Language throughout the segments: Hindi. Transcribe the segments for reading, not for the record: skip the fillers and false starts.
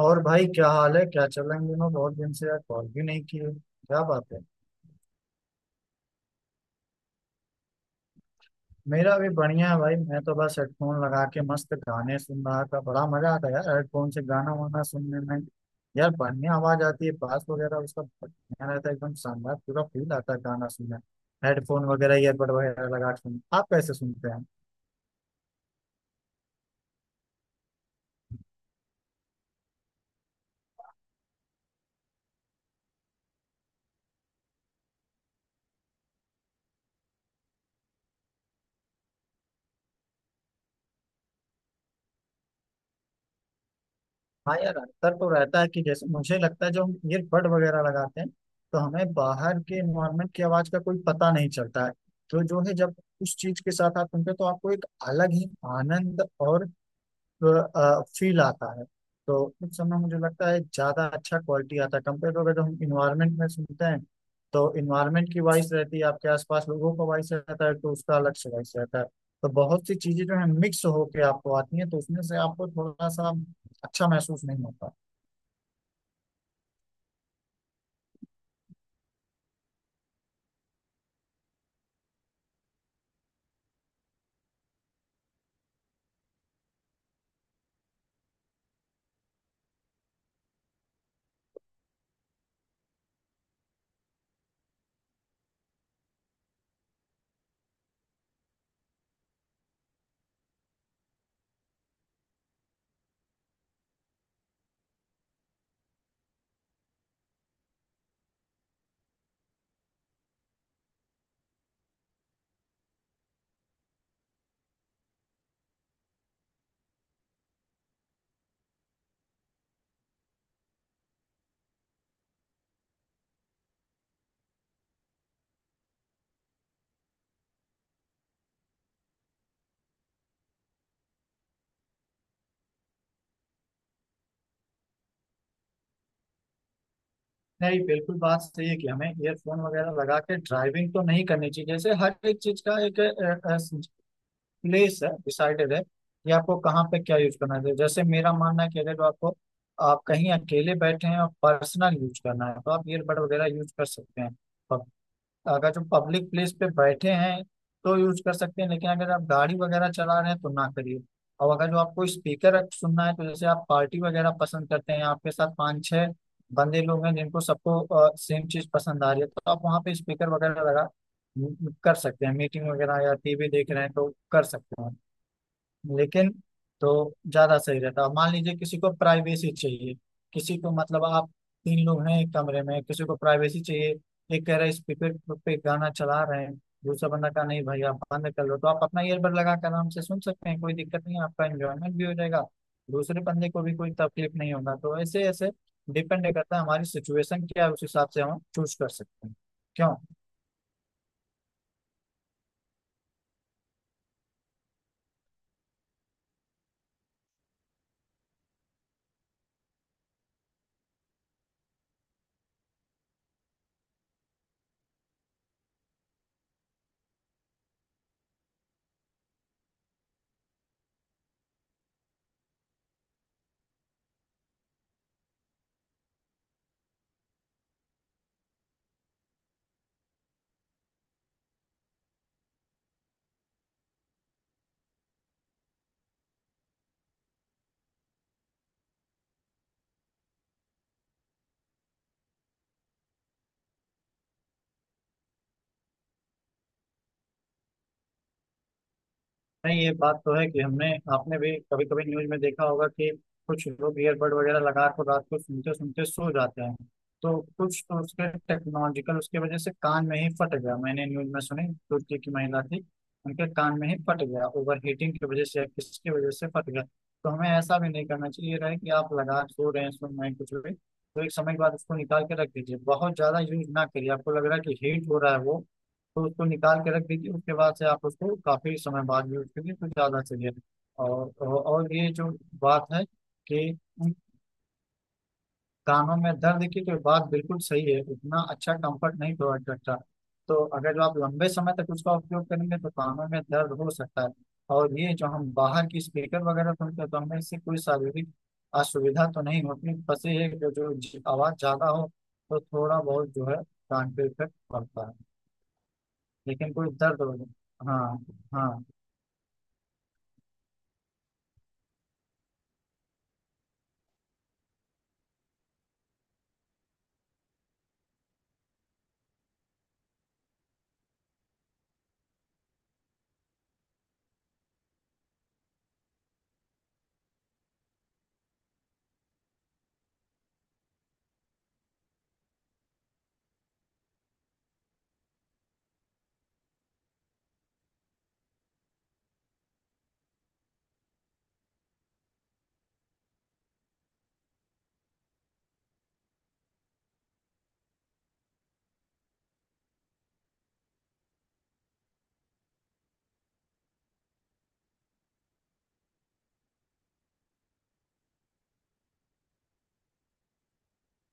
और भाई क्या हाल है, क्या चल रहा है इन दिनों? बहुत दिन से यार कॉल भी नहीं किए, क्या बात है। मेरा भी बढ़िया है भाई। मैं तो बस हेडफोन लगा के मस्त गाने सुन रहा था। बड़ा मजा आता है यार हेडफोन से गाना वाना सुनने में। यार बढ़िया आवाज आती है, बास वगैरह उसका बढ़िया रहता है, एकदम शानदार, पूरा फील आता है गाना सुनने। हेडफोन वगैरह, ईयरबड वगैरह लगा के सुन, आप कैसे सुनते हैं? हाँ यार, अंतर तो रहता है। कि जैसे मुझे लगता है जो हम ईयरबड वगैरह लगाते हैं तो हमें बाहर के एनवायरनमेंट की आवाज का कोई पता नहीं चलता है। तो जो है जब उस चीज के साथ आप सुनते हो तो आपको एक अलग ही आनंद और फील आता है। तो उस समय मुझे लगता है ज़्यादा अच्छा क्वालिटी आता है कंपेयर टू अगर जो हम इन्वायरमेंट में सुनते हैं। तो इन्वायरमेंट की वॉइस रहती है, आपके आसपास लोगों का वॉइस रहता है, तो उसका अलग से वॉइस रहता है। तो बहुत सी चीज़ें जो है मिक्स होके आपको आती हैं, तो उसमें से आपको थोड़ा सा अच्छा महसूस नहीं होता। नहीं, बिल्कुल बात सही है कि हमें ईयरफोन वगैरह लगा के ड्राइविंग तो नहीं करनी चाहिए। जैसे हर एक चीज का एक प्लेस है, डिसाइडेड है कि आपको कहाँ पे क्या यूज करना है। तो जैसे मेरा मानना है कि अगर आपको आप कहीं अकेले बैठे हैं और पर्सनल यूज करना है तो आप ईयरबड वगैरह यूज कर सकते हैं। और अगर जो पब्लिक प्लेस पे बैठे हैं तो यूज कर सकते हैं, लेकिन अगर आप गाड़ी वगैरह चला रहे हैं तो ना करिए। और अगर जो आपको स्पीकर सुनना है तो जैसे आप पार्टी वगैरह पसंद करते हैं, आपके साथ पाँच छह बंदे लोग हैं जिनको सबको सेम चीज पसंद आ रही है तो आप वहाँ पे स्पीकर वगैरह लगा कर सकते हैं। मीटिंग वगैरह या टीवी देख रहे हैं तो कर सकते हैं, लेकिन तो ज्यादा सही रहता। अब मान लीजिए किसी को प्राइवेसी चाहिए, किसी को मतलब आप तीन लोग हैं एक कमरे में, किसी को प्राइवेसी चाहिए, एक कह रहा है स्पीकर पे गाना चला रहे हैं, दूसरा बंदा कहा नहीं भाई आप बंद कर लो, तो आप अपना ईयरबड लगा कर आराम से सुन सकते हैं, कोई दिक्कत नहीं है, आपका एंजॉयमेंट भी हो जाएगा, दूसरे बंदे को भी कोई तकलीफ नहीं होगा तो ऐसे ऐसे डिपेंड करता है हमारी सिचुएशन क्या है, उस हिसाब से हम चूज कर सकते हैं। क्यों नहीं, ये बात तो है कि हमने, आपने भी कभी कभी न्यूज में देखा होगा कि कुछ लोग ईयरबड वगैरह लगा कर रात को सुनते सुनते सो जाते हैं, तो कुछ तो उसके टेक्नोलॉजिकल उसके वजह से कान में ही फट गया। मैंने न्यूज में सुनी तुर्की की महिला थी, उनके कान में ही फट गया, ओवर हीटिंग की वजह से या किसकी वजह से फट गया। तो हमें ऐसा भी नहीं करना चाहिए, ये रहे कि आप लगा के सो रहे हैं, सुन रहे हैं कुछ भी, तो एक समय के बाद उसको निकाल के रख दीजिए, बहुत ज्यादा यूज ना करिए। आपको लग रहा है कि हीट हो रहा है वो, तो उसको निकाल के रख दीजिए, उसके बाद से आप उसको काफ़ी समय बाद यूज कीजिए तो ज़्यादा चलिए। और ये जो बात है कि उन कानों में दर्द की, तो बात बिल्कुल सही है, उतना अच्छा कंफर्ट नहीं प्रोवाइड करता। तो अगर जो आप लंबे समय तक उसका उपयोग करेंगे तो कानों में दर्द हो सकता है। और ये जो हम बाहर की स्पीकर वगैरह सुनते हैं तो हमें इससे कोई शारीरिक असुविधा तो नहीं होती। बस ये है कि जो आवाज़ ज़्यादा हो तो थोड़ा बहुत जो है कान पे इफेक्ट पड़ता है, लेकिन कोई दर्द हो। हाँ। हाँ।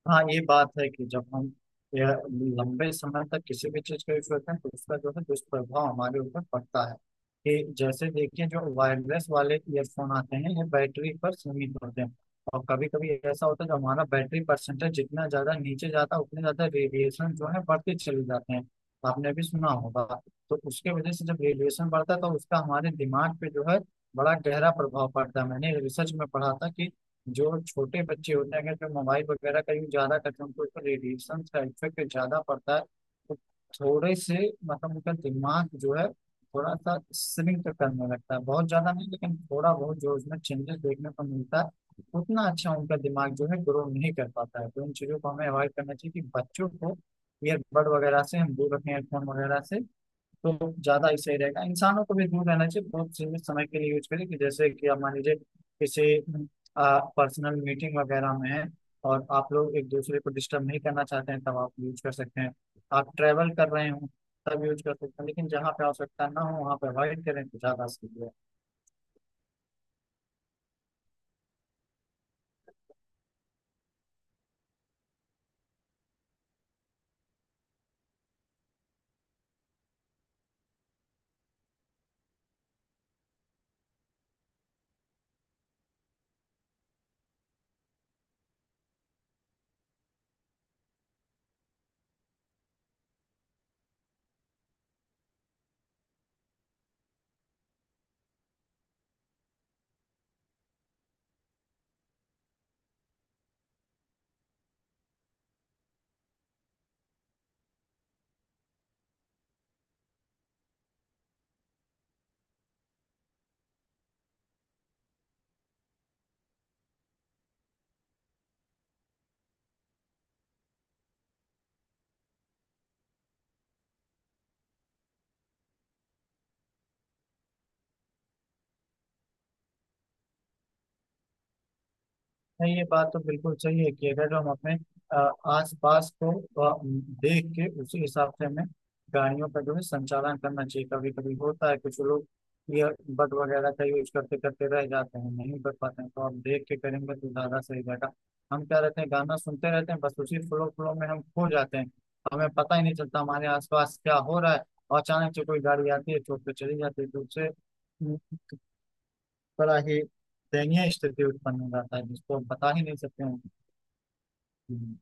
हाँ, ये बात है कि जब हम यह लंबे समय तक किसी भी चीज़ का यूज करते हैं तो उसका जो है दुष्प्रभाव हमारे ऊपर पड़ता है। कि जैसे देखिए जो वायरलेस वाले ईयरफोन आते हैं ये बैटरी पर सीमित होते हैं, और कभी कभी ऐसा होता है जो हमारा बैटरी परसेंटेज जितना ज़्यादा नीचे जाता है उतने ज़्यादा रेडिएशन जो है बढ़ते चले जाते हैं। आपने भी सुना होगा। तो उसके वजह से जब रेडिएशन बढ़ता है तो उसका हमारे दिमाग पे जो है बड़ा गहरा प्रभाव पड़ता है। मैंने रिसर्च में पढ़ा था कि जो छोटे बच्चे होते हैं अगर जो मोबाइल वगैरह का यूज ज्यादा करते हैं उनको उसका रेडिएशन का इफेक्ट ज्यादा पड़ता है। तो थोड़े से मतलब उनका दिमाग जो है थोड़ा सा श्रिंक करने लगता है, बहुत ज्यादा नहीं लेकिन थोड़ा बहुत जो उसमें चेंजेस देखने को मिलता है। उतना अच्छा उनका दिमाग जो है ग्रो नहीं कर पाता है। तो इन चीजों को हमें अवॉइड करना चाहिए कि बच्चों को ईयरबड वगैरह से हम दूर रखें, हेडफोन वगैरह से, तो ज्यादा ही सही रहेगा। इंसानों को भी दूर रहना चाहिए, बहुत सीमित समय के लिए यूज करें। कि जैसे कि आप मान लीजिए किसी पर्सनल मीटिंग वगैरह में है और आप लोग एक दूसरे को डिस्टर्ब नहीं करना चाहते हैं, तब आप यूज कर सकते हैं। आप ट्रेवल कर रहे हो, तब यूज कर सकते हैं, लेकिन जहाँ पे आवश्यकता ना हो वहाँ पे अवॉइड करें तो ज्यादा सही है। नहीं, ये बात तो बिल्कुल सही है कि अगर हम अपने आस पास को देख के उसी हिसाब से हमें गाड़ियों का जो है संचालन करना चाहिए। कभी कभी होता है कुछ लोग ये बट वगैरह का यूज करते करते रह जाते हैं, नहीं कर पाते हैं, तो आप देख के करेंगे तो ज्यादा सही रहेगा। हम क्या रहते हैं गाना सुनते रहते हैं, बस उसी फ्लो फ्लो में हम खो जाते हैं, हमें पता ही नहीं चलता हमारे आसपास क्या हो रहा है। और अचानक से कोई गाड़ी आती है तो उस पे चली जाती है, तो उससे बड़ा ही दयनीय स्थिति उत्पन्न हो जाता है जिसको हम बता ही नहीं सकते हैं।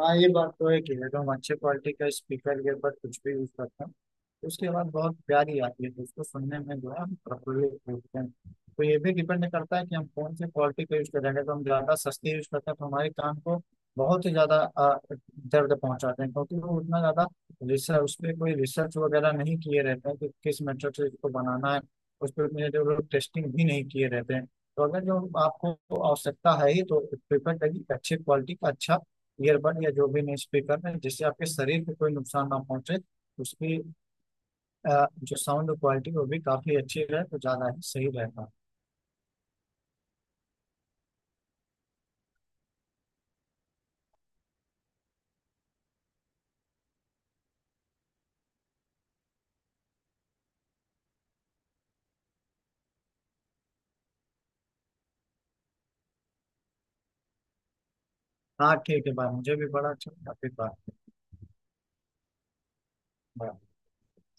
हाँ ये बात तो है कि अगर हम अच्छे क्वालिटी का स्पीकर के ऊपर कुछ भी यूज करते हैं तो उसकी आवाज़ बहुत प्यारी आती है, तो उसको सुनने में जो है हम प्रफुल्लित होते हैं। तो ये भी डिपेंड करता है कि हम कौन से क्वालिटी का यूज कर रहे हैं। अगर हम ज़्यादा सस्ती यूज करते हैं तो हमारे कान को बहुत ही ज़्यादा दर्द पहुंचाते हैं, क्योंकि वो उतना ज़्यादा रिसर्च, उस पर कोई रिसर्च वगैरह नहीं किए रहते हैं कि किस मेथड से इसको बनाना है, उस पर उतने जो लोग टेस्टिंग भी नहीं किए रहते हैं। तो अगर जो आपको आवश्यकता है ही तो प्रिफर करिए अच्छे क्वालिटी का, अच्छा ईयरबड या जो भी नहीं स्पीकर है, जिससे आपके शरीर को कोई नुकसान ना पहुंचे, उसकी जो साउंड क्वालिटी वो भी काफी अच्छी रहे तो ज्यादा ही सही रहेगा। हाँ ठीक है भाई, मुझे भी बड़ा अच्छा, काफी बार।